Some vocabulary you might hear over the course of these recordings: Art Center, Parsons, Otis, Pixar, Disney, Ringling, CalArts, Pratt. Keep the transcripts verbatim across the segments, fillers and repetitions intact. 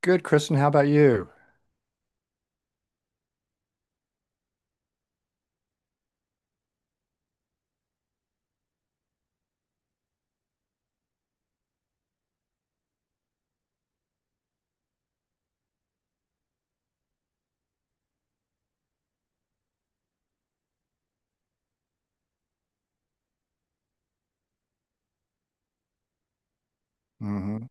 Good, Kristen. How about you? Hmm.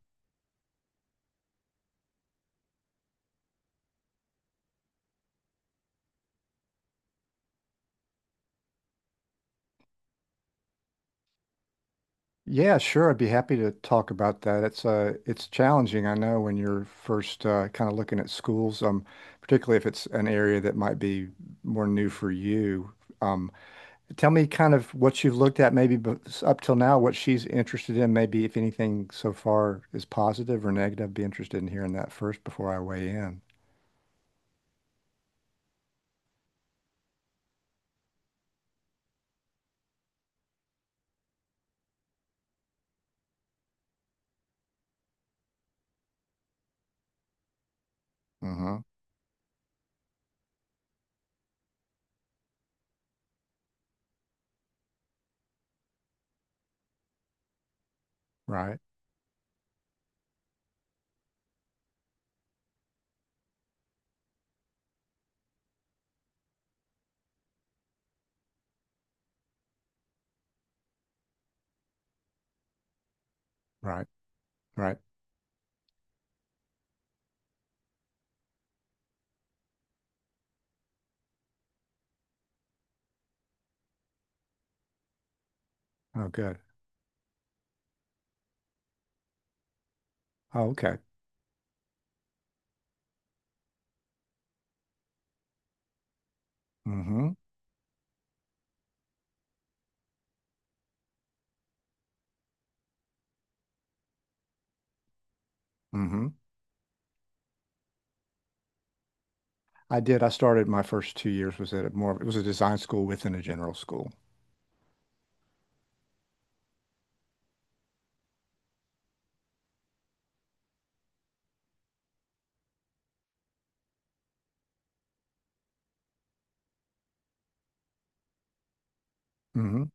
Yeah, sure. I'd be happy to talk about that. It's uh, it's challenging, I know, when you're first uh, kind of looking at schools, um, particularly if it's an area that might be more new for you. Um, Tell me kind of what you've looked at, maybe bef- s- up till now, what she's interested in, maybe if anything so far is positive or negative. I'd be interested in hearing that first before I weigh in. Hmm. Right, right, right. Oh, good. Oh, okay. Mm-hmm. Mm-hmm. I did. I started my first two years was at a more, it was a design school within a general school. Hmm.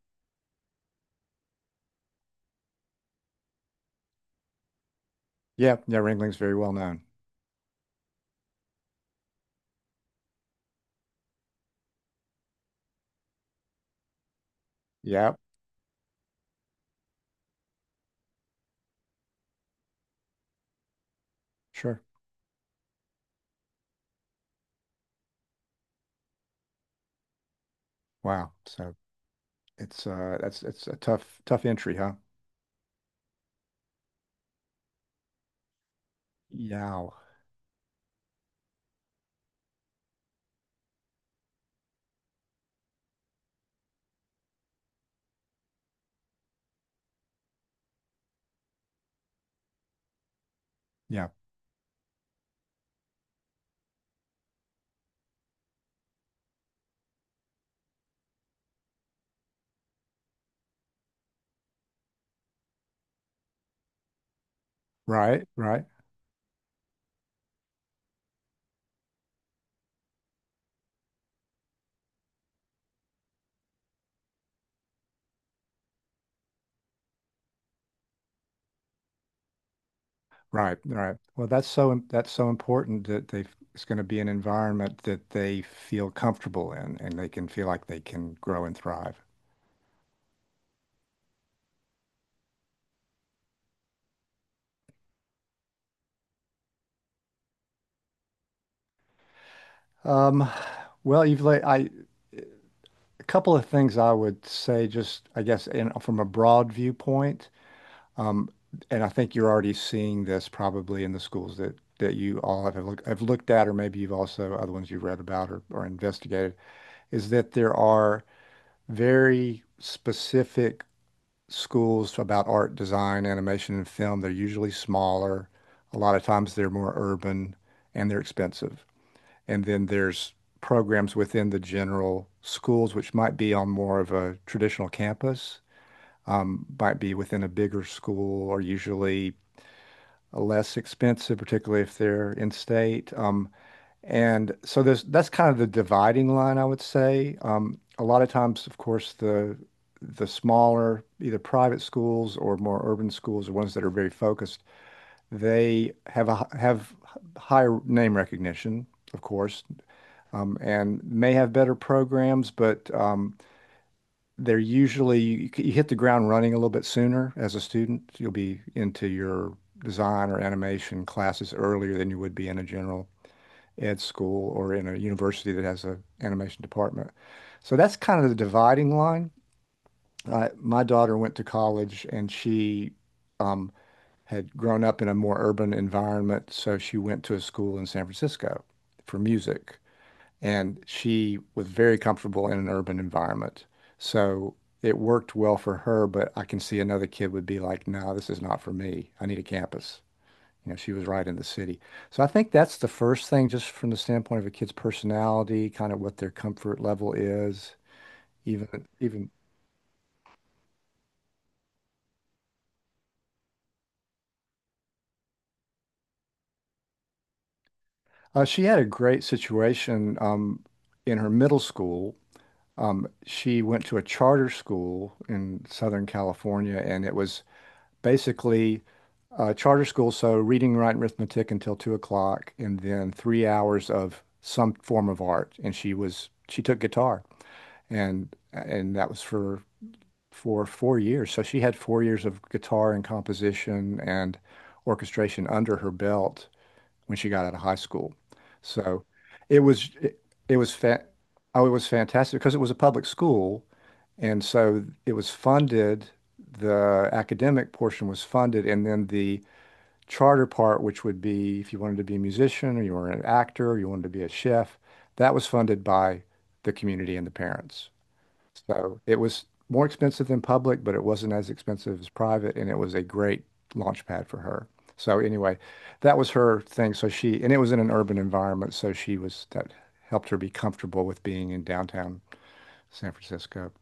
Yeah. Yeah. Ringling's very well known. Yeah. Sure. Wow. So it's, uh, that's, it's a tough, tough entry, huh? Yeah. Yeah. Right. Right. Right. Right. Well, that's so, that's so important that they, it's going to be an environment that they feel comfortable in and they can feel like they can grow and thrive. Um, well, you've laid, I, a couple of things I would say, just I guess in, from a broad viewpoint. Um, and I think you're already seeing this probably in the schools that that you all have, have, look, have looked at, or maybe you've also other ones you've read about or, or investigated, is that there are very specific schools about art, design, animation, and film. They're usually smaller. A lot of times they're more urban and they're expensive. And then there's programs within the general schools, which might be on more of a traditional campus, um, might be within a bigger school, or usually less expensive, particularly if they're in state. Um, and so there's that's kind of the dividing line, I would say. Um, a lot of times, of course, the the smaller either private schools or more urban schools, or ones that are very focused, they have a h- have higher name recognition, of course, um, and may have better programs, but um, they're usually you, you hit the ground running a little bit sooner as a student. You'll be into your design or animation classes earlier than you would be in a general ed school or in a university that has an animation department. So that's kind of the dividing line. Uh, my daughter went to college and she um, had grown up in a more urban environment, so she went to a school in San Francisco for music and she was very comfortable in an urban environment. So it worked well for her, but I can see another kid would be like, no, this is not for me. I need a campus. You know, she was right in the city. So I think that's the first thing, just from the standpoint of a kid's personality, kind of what their comfort level is. Even, even uh, She had a great situation um, in her middle school. Um, she went to a charter school in Southern California, and it was basically uh, charter school, so reading, writing, arithmetic until two o'clock, and then three hours of some form of art. And she was she took guitar, and and that was for for four years. So she had four years of guitar and composition and orchestration under her belt when she got out of high school. So it was it, it was fa oh, it was fantastic because it was a public school, and so it was funded. The academic portion was funded, and then the charter part, which would be if you wanted to be a musician or you were an actor or you wanted to be a chef, that was funded by the community and the parents. So it was more expensive than public, but it wasn't as expensive as private, and it was a great launch pad for her. So anyway, that was her thing. So, she, and it was in an urban environment, so she was, that helped her be comfortable with being in downtown San Francisco.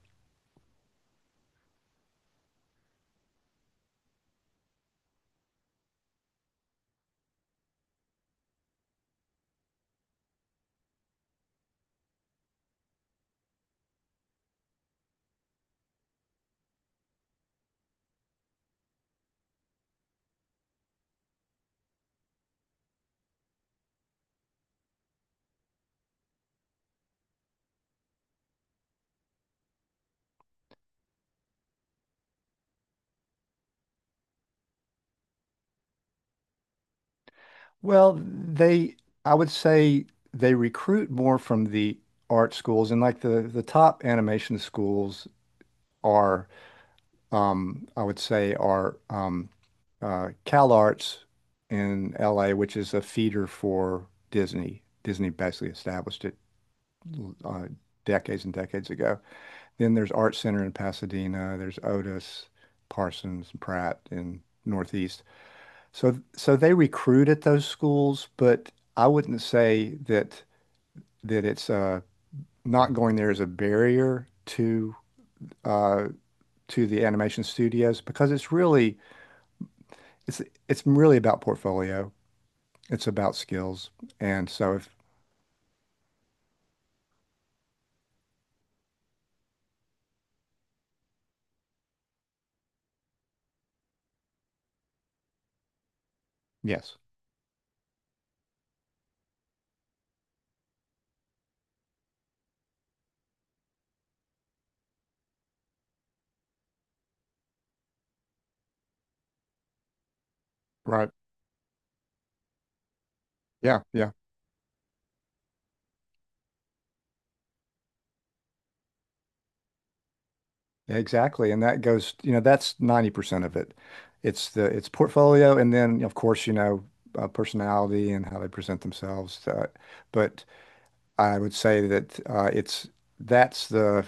Well, they, I would say they recruit more from the art schools and like the the top animation schools are, um, I would say are um, uh, CalArts in L A, which is a feeder for Disney. Disney basically established it uh, decades and decades ago. Then there's Art Center in Pasadena. There's Otis, Parsons, Pratt in Northeast. So so they recruit at those schools, but I wouldn't say that that it's uh not going there is a barrier to uh to the animation studios because it's really it's it's really about portfolio. It's about skills. And so if Yes, right. Yeah, yeah. Exactly. And that goes, you know, that's ninety percent of it. It's the it's portfolio and then of course, you know, uh, personality and how they present themselves. Uh, but I would say that uh, it's that's the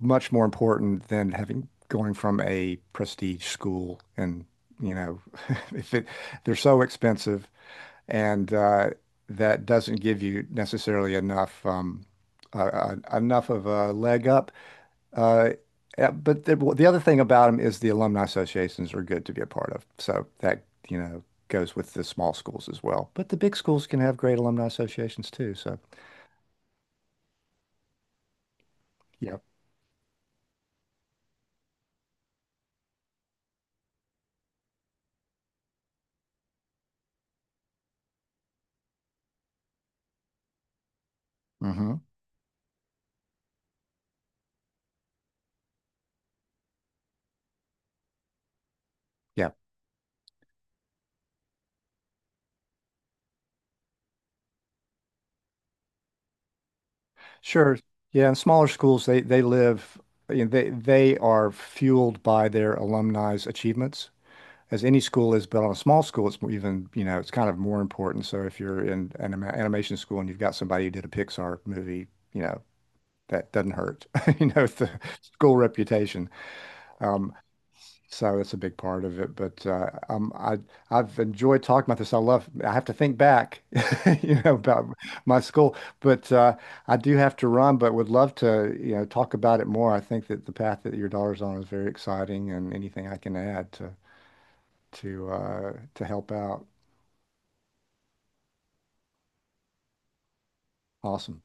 much more important than having going from a prestige school and you know if it they're so expensive, and uh, that doesn't give you necessarily enough um, uh, uh, enough of a leg up. Uh, uh, but the, well, the other thing about them is the alumni associations are good to be a part of. So that you know goes with the small schools as well. But the big schools can have great alumni associations too. So yeah. Mm hmm. Yeah, sure. Yeah, and smaller schools, they they live, you know, they they are fueled by their alumni's achievements, as any school is. But on a small school, it's more even, you know, it's kind of more important. So if you're in an anima- animation school and you've got somebody who did a Pixar movie, you know, that doesn't hurt, you know, the school reputation. Um, So that's a big part of it. But uh, um, I I've enjoyed talking about this. I love. I have to think back, you know, about my school. But uh, I do have to run. But would love to, you know, talk about it more. I think that the path that your daughter's on is very exciting, and anything I can add to to uh, to help out. Awesome.